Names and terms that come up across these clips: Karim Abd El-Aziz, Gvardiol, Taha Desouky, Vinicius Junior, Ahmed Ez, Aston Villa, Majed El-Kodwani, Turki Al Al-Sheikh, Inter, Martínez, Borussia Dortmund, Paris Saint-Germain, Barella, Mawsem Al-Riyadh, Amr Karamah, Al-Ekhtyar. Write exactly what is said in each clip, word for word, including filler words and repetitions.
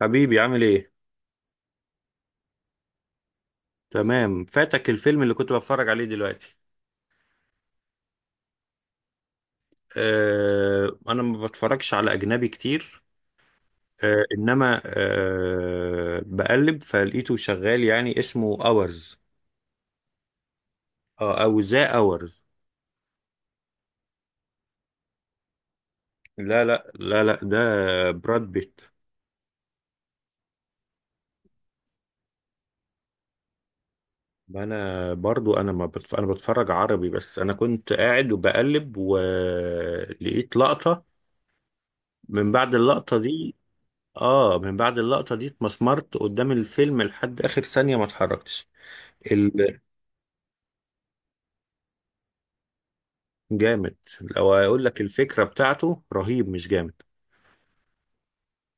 حبيبي عامل ايه؟ تمام، فاتك الفيلم اللي كنت بتفرج عليه دلوقتي. أه، انا ما بتفرجش على اجنبي كتير. أه انما أه بقلب فلقيته شغال، يعني اسمه اورز. أه، او ذا اورز. لا لا لا لا، ده براد بيت. انا برضو، انا ما بتف... انا بتفرج عربي بس، انا كنت قاعد وبقلب ولقيت لقطة. من بعد اللقطة دي. اه، من بعد اللقطة دي اتمسمرت قدام الفيلم لحد اخر ثانية، ما اتحركتش. الجامد؟ لو اقول لك الفكرة بتاعته رهيب، مش جامد.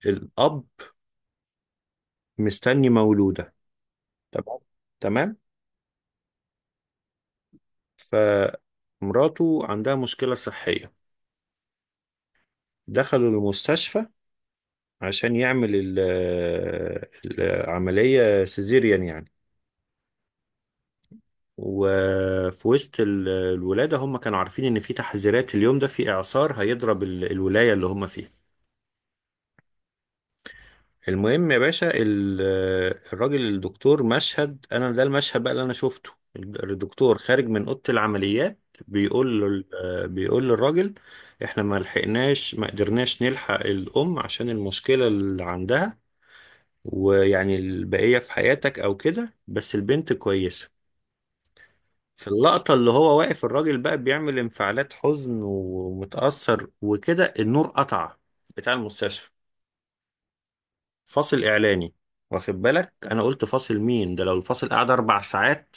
الأب مستني مولودة. تمام، تمام. فمراته عندها مشكلة صحية. دخلوا المستشفى عشان يعمل ال- العملية سيزيريان يعني. وفي وسط ال- الولادة، هم كانوا عارفين إن في تحذيرات اليوم ده، في إعصار هيضرب ال- الولاية اللي هم فيها. المهم يا باشا، ال- الراجل الدكتور، مشهد انا ده المشهد بقى اللي انا شفته. الدكتور خارج من اوضه العمليات، بيقول له ال- بيقول للراجل احنا ما لحقناش، ما قدرناش نلحق الام عشان المشكله اللي عندها، ويعني البقيه في حياتك او كده، بس البنت كويسه. في اللقطه اللي هو واقف، الراجل بقى بيعمل انفعالات حزن ومتاثر وكده، النور قطع بتاع المستشفى. فاصل اعلاني. واخد بالك انا قلت فاصل مين ده؟ لو الفاصل قعد اربع ساعات،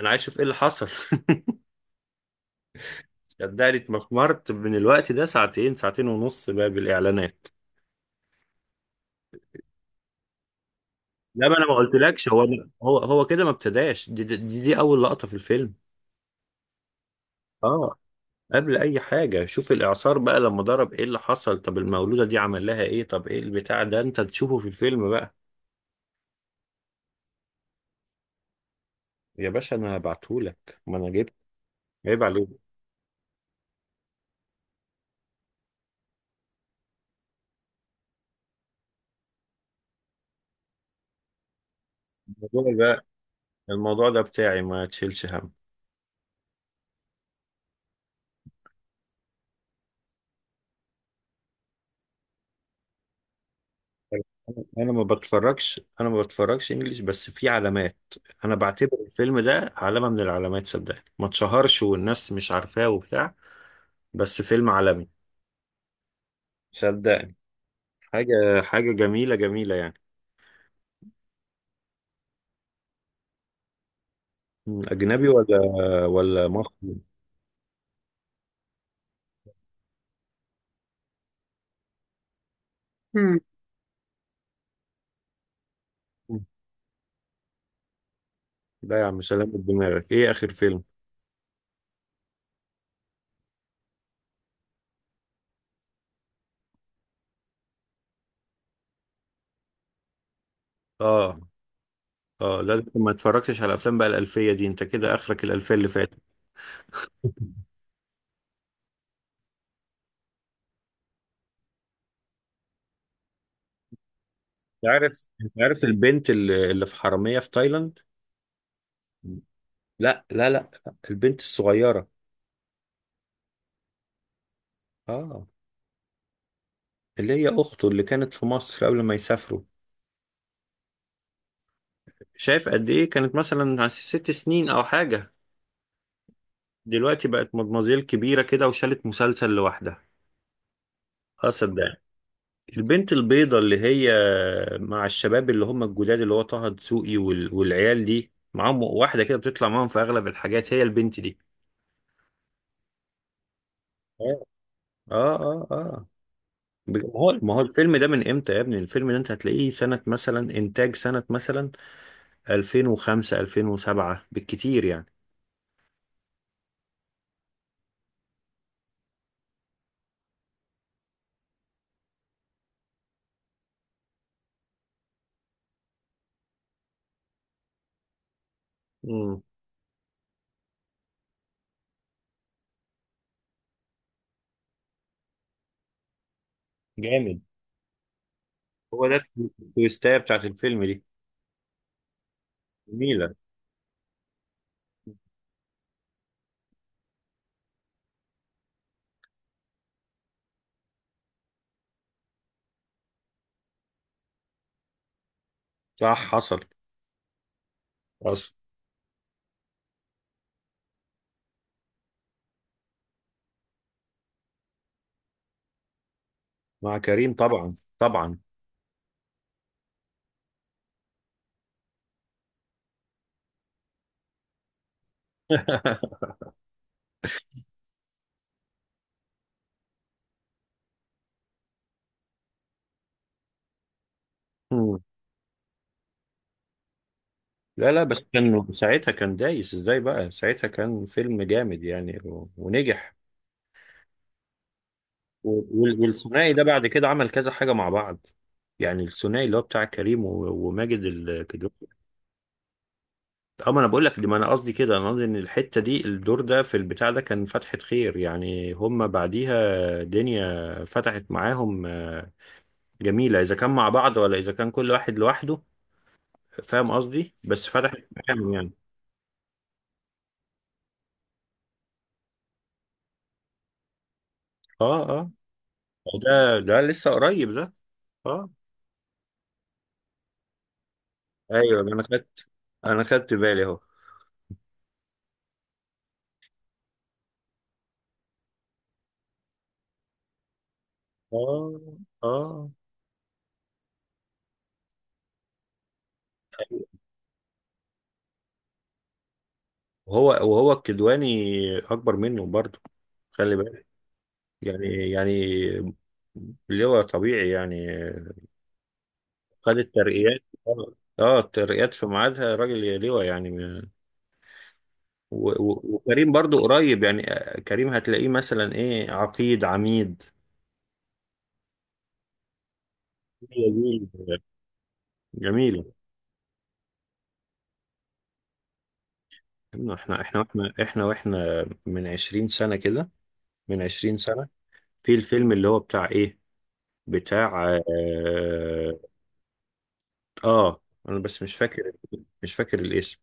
انا عايز اشوف ايه اللي حصل. صدقني، اتمخمرت من الوقت ده ساعتين، ساعتين ونص بقى بالاعلانات. لا، ما انا ما قلتلكش. هو هو هو كده ما ابتداش. دي, دي, دي دي اول لقطة في الفيلم. اه، قبل اي حاجة. شوف الاعصار بقى لما ضرب ايه اللي حصل، طب المولودة دي عمل لها ايه، طب ايه البتاع ده، انت تشوفه في الفيلم بقى. يا باشا، انا هبعتهولك، ما انا جبت. عيب عليك. الموضوع ده، الموضوع ده بتاعي، ما تشيلش هم. انا ما بتفرجش، انا ما بتفرجش انجليش بس في علامات. انا بعتبر الفيلم ده علامة من العلامات، صدقني، ما اتشهرش والناس مش عارفاه وبتاع، بس فيلم عالمي. صدقني. حاجة، حاجة جميلة جميلة يعني. مم، اجنبي ولا ولا مصري؟ مم. مم. لا يا عم، سلام دماغك، ايه اخر فيلم؟ اه. اه، لا انت ما اتفرجتش على افلام بقى الالفية دي، انت كده اخرك الالفية اللي فاتت. انت عارف، انت عارف البنت اللي اللي في حرامية في تايلاند؟ لا لا لا، البنت الصغيرة. اه. اللي هي اخته اللي كانت في مصر قبل ما يسافروا. شايف قد ايه كانت مثلا، س- ست سنين او حاجة، دلوقتي بقت مدمزيل كبيرة كده وشالت مسلسل لوحدها. اقصد ده، البنت البيضة اللي هي مع الشباب اللي هم الجداد اللي هو طه دسوقي وال... والعيال دي، معاهم واحدة كده بتطلع معاهم في اغلب الحاجات، هي البنت دي. اه اه اه آه. ب- ما هو ما هو الفيلم ده من امتى يا ابني؟ الفيلم ده انت هتلاقيه سنة مثلا، انتاج سنة مثلا ألفين وخمسة، ألفين وسبعة بالكتير. يعني جامد. هو ده التويستاية بتاعت الفيلم دي. جميلة. صح، حصل حصل. مع كريم طبعا طبعا. مم. لا لا، بس كان ساعتها كان دايس ازاي بقى، ساعتها كان فيلم جامد يعني، و- ونجح. و- وال- والثنائي ده بعد كده عمل كذا حاجة مع بعض، يعني الثنائي اللي هو بتاع كريم و- وماجد الكدواني. اه، ما انا بقول لك دي، ما انا قصدي كده، انا قصدي ان الحتة دي، الدور ده في البتاع ده كان فتحة خير يعني، هم بعديها دنيا فتحت معاهم. آه، جميلة إذا كان مع بعض ولا إذا كان كل واحد لوحده، فاهم قصدي، بس فتحت مكان يعني. اه اه. ده ده لسه قريب ده. اه. ايوه، انا خدت، انا خدت بالي اهو. اه اه. وهو وهو الكدواني اكبر منه برضه، خلي بالك. يعني يعني اللي هو طبيعي يعني، خد الترقيات. اه، آه، الترقيات في ميعادها، راجل لواء يعني. و- و- وكريم برضو قريب يعني. آه، كريم هتلاقيه مثلا ايه، عقيد، عميد. هي دي ال- جميلة. احنا احنا احنا واحنا احنا واحنا من 20 سنة كده، من 20 سنة في الفيلم اللي هو بتاع ايه، بتاع اه, آه انا بس مش فاكر، مش فاكر الاسم.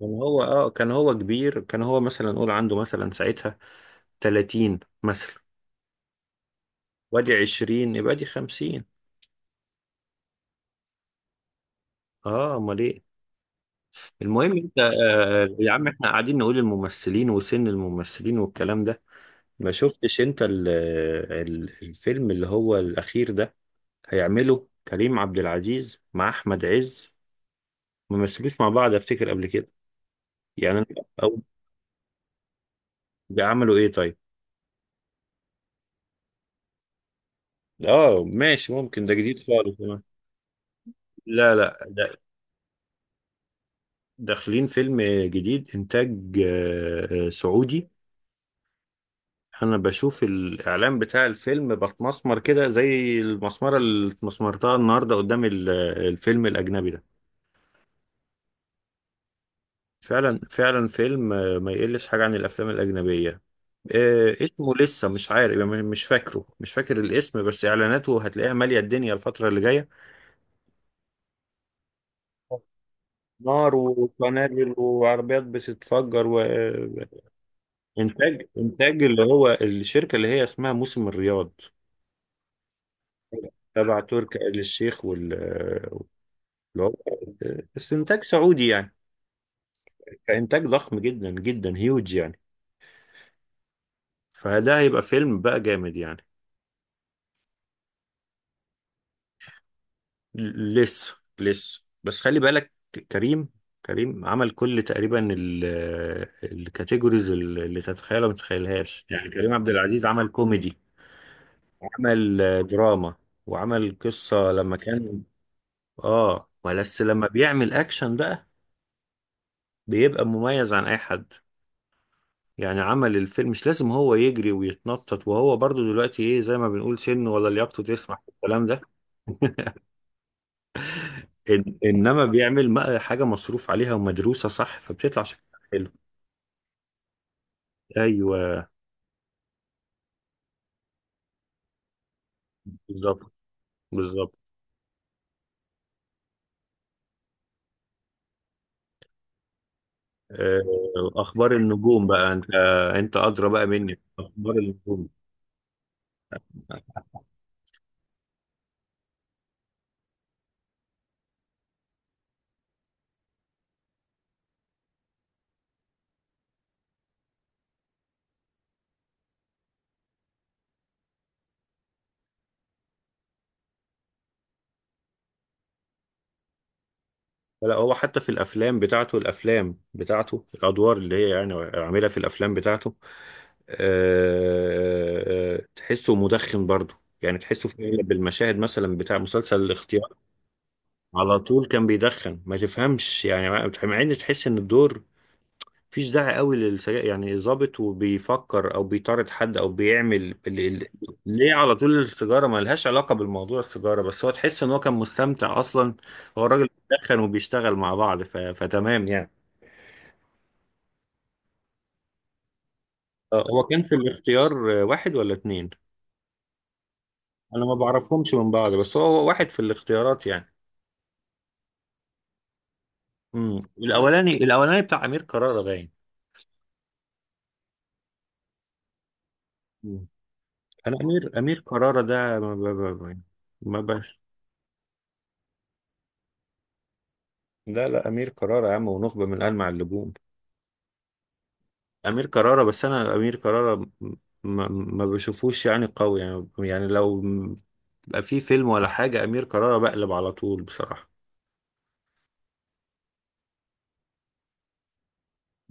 كان هو اه كان هو كبير، كان هو مثلا نقول عنده مثلا ساعتها تلاتين مثلا، وادي عشرين، يبقى دي خمسين. اه، امال ايه. المهم، انت آه يا عم احنا قاعدين نقول الممثلين وسن الممثلين والكلام ده. ما شفتش انت ال ال الفيلم اللي هو الاخير ده؟ هيعمله كريم عبد العزيز مع احمد عز، ما مثلوش مع بعض افتكر قبل كده، يعني أنا- او عملوا ايه طيب؟ اه ماشي، ممكن ده جديد خالص كمان. لا لا، ده داخلين فيلم جديد، انتاج آه، آه، سعودي. انا بشوف الاعلان بتاع الفيلم بتمسمر كده، زي المسمره اللي اتمسمرتها النهارده قدام ال- الفيلم الاجنبي ده. فعلا فعلا، فيلم، آه، ما يقلش حاجة عن الأفلام الأجنبية. آه، اسمه لسه مش عارف يعني، مش فاكره مش فاكر الاسم، بس إعلاناته هتلاقيها مالية الدنيا الفترة اللي جاية. نار وقنابل وعربيات بتتفجر وإنتاج، إنتاج اللي هو الشركة اللي هي اسمها موسم الرياض، تبع تركي آل الشيخ وال اللي هو، بس إنتاج سعودي يعني، إنتاج ضخم جدا جدا هيوج يعني، فده هيبقى فيلم بقى جامد يعني. لسه لسه، بس خلي بالك. كريم كريم عمل كل تقريبا ال- الكاتيجوريز اللي تتخيلها ما تتخيلهاش. يعني كريم عبد العزيز عمل كوميدي، عمل آه، دراما، وعمل قصة لما كان. اه، بس لما بيعمل اكشن بقى بيبقى مميز عن اي حد يعني. عمل الفيلم مش لازم هو يجري ويتنطط، وهو برضو دلوقتي ايه، زي ما بنقول سنه ولا لياقته تسمح الكلام ده. إن- انما بيعمل م- حاجة مصروف عليها ومدروسة، صح، فبتطلع شكلها حلو. ايوه، بالظبط بالظبط. آه، اخبار النجوم بقى انت، انت ادرى بقى مني اخبار النجوم. لا، هو حتى في الافلام بتاعته، الافلام بتاعته الادوار اللي هي يعني عاملها في الافلام بتاعته، آه، آه، تحسه مدخن برضه يعني، تحسه في اغلب المشاهد مثلا بتاع مسلسل الاختيار، على طول كان بيدخن ما تفهمش، يعني مع مع ان تحس ان الدور مفيش داعي قوي للسجاير يعني، ظابط وبيفكر او بيطارد حد او بيعمل ال... ال... ليه على طول السيجاره، ما لهاش علاقه بالموضوع السيجاره، بس هو تحس ان هو كان مستمتع اصلا، هو الراجل بيدخن وبيشتغل مع بعض، ف... فتمام يعني. آه، هو كان في الاختيار آه، واحد ولا اتنين، انا ما بعرفهمش من بعض، بس هو هو واحد في الاختيارات يعني. امم، الاولاني الاولاني بتاع امير كرارة باين. مم. انا امير امير كرارة ده ما ب... ب... ب- ما بش لا لا، امير كرارة يا عم، ونخبه من المع اللجوم، امير كرارة، بس انا امير كرارة م- م- ما بشوفوش يعني قوي يعني، يعني لو بقى في فيلم ولا حاجة امير كرارة بقلب على طول بصراحة.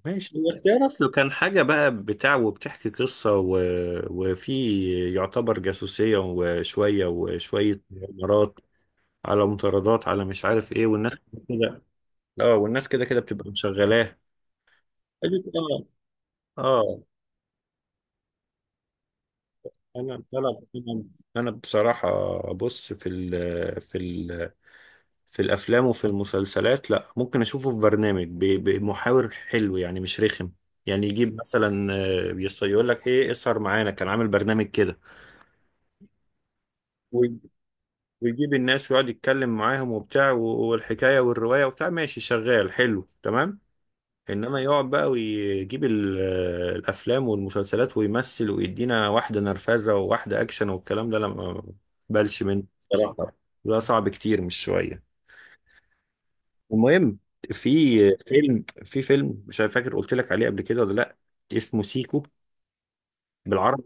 ماشي، هو اختيار اصله كان حاجة بقى بتاع، وبتحكي قصة و... وفي يعتبر جاسوسية وشوية وشوية مغامرات على مطاردات، على مش عارف ايه، والناس كده. اه، والناس كده كده بتبقى مشغلاه. قالت اه. اه. انا انا انا بصراحه، بص، في ال في في الافلام وفي المسلسلات لا، ممكن اشوفه في برنامج، ب- بمحاور حلو يعني مش رخم. يعني يجيب مثلا آه، يص- يقول لك ايه، اسهر معانا، كان عامل برنامج كده. وي- ويجيب الناس ويقعد يتكلم معاهم وبتاع و- والحكايه والروايه وبتاع ماشي شغال حلو تمام. انما يقعد بقى ويجيب ال- آه، الافلام والمسلسلات، ويمثل ويدينا واحده نرفزه وواحده اكشن والكلام ده، لما بلش منه بصراحه، ده صعب كتير مش شويه. المهم، في فيلم في فيلم مش فاكر قلت لك عليه قبل كده ولا لا، اسمه سيكو بالعربي،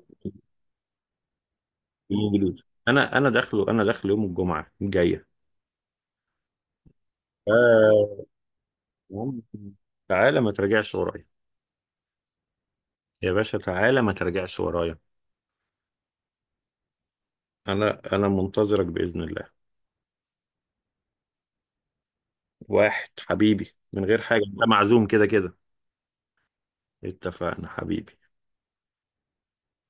بالانجليزي، انا انا داخله، انا داخله يوم الجمعه الجايه. آه، المهم، تعالى ما ترجعش ورايا، يا باشا تعالى ما ترجعش ورايا، انا انا منتظرك باذن الله. واحد حبيبي من غير حاجه، انت معزوم كده كده. اتفقنا حبيبي.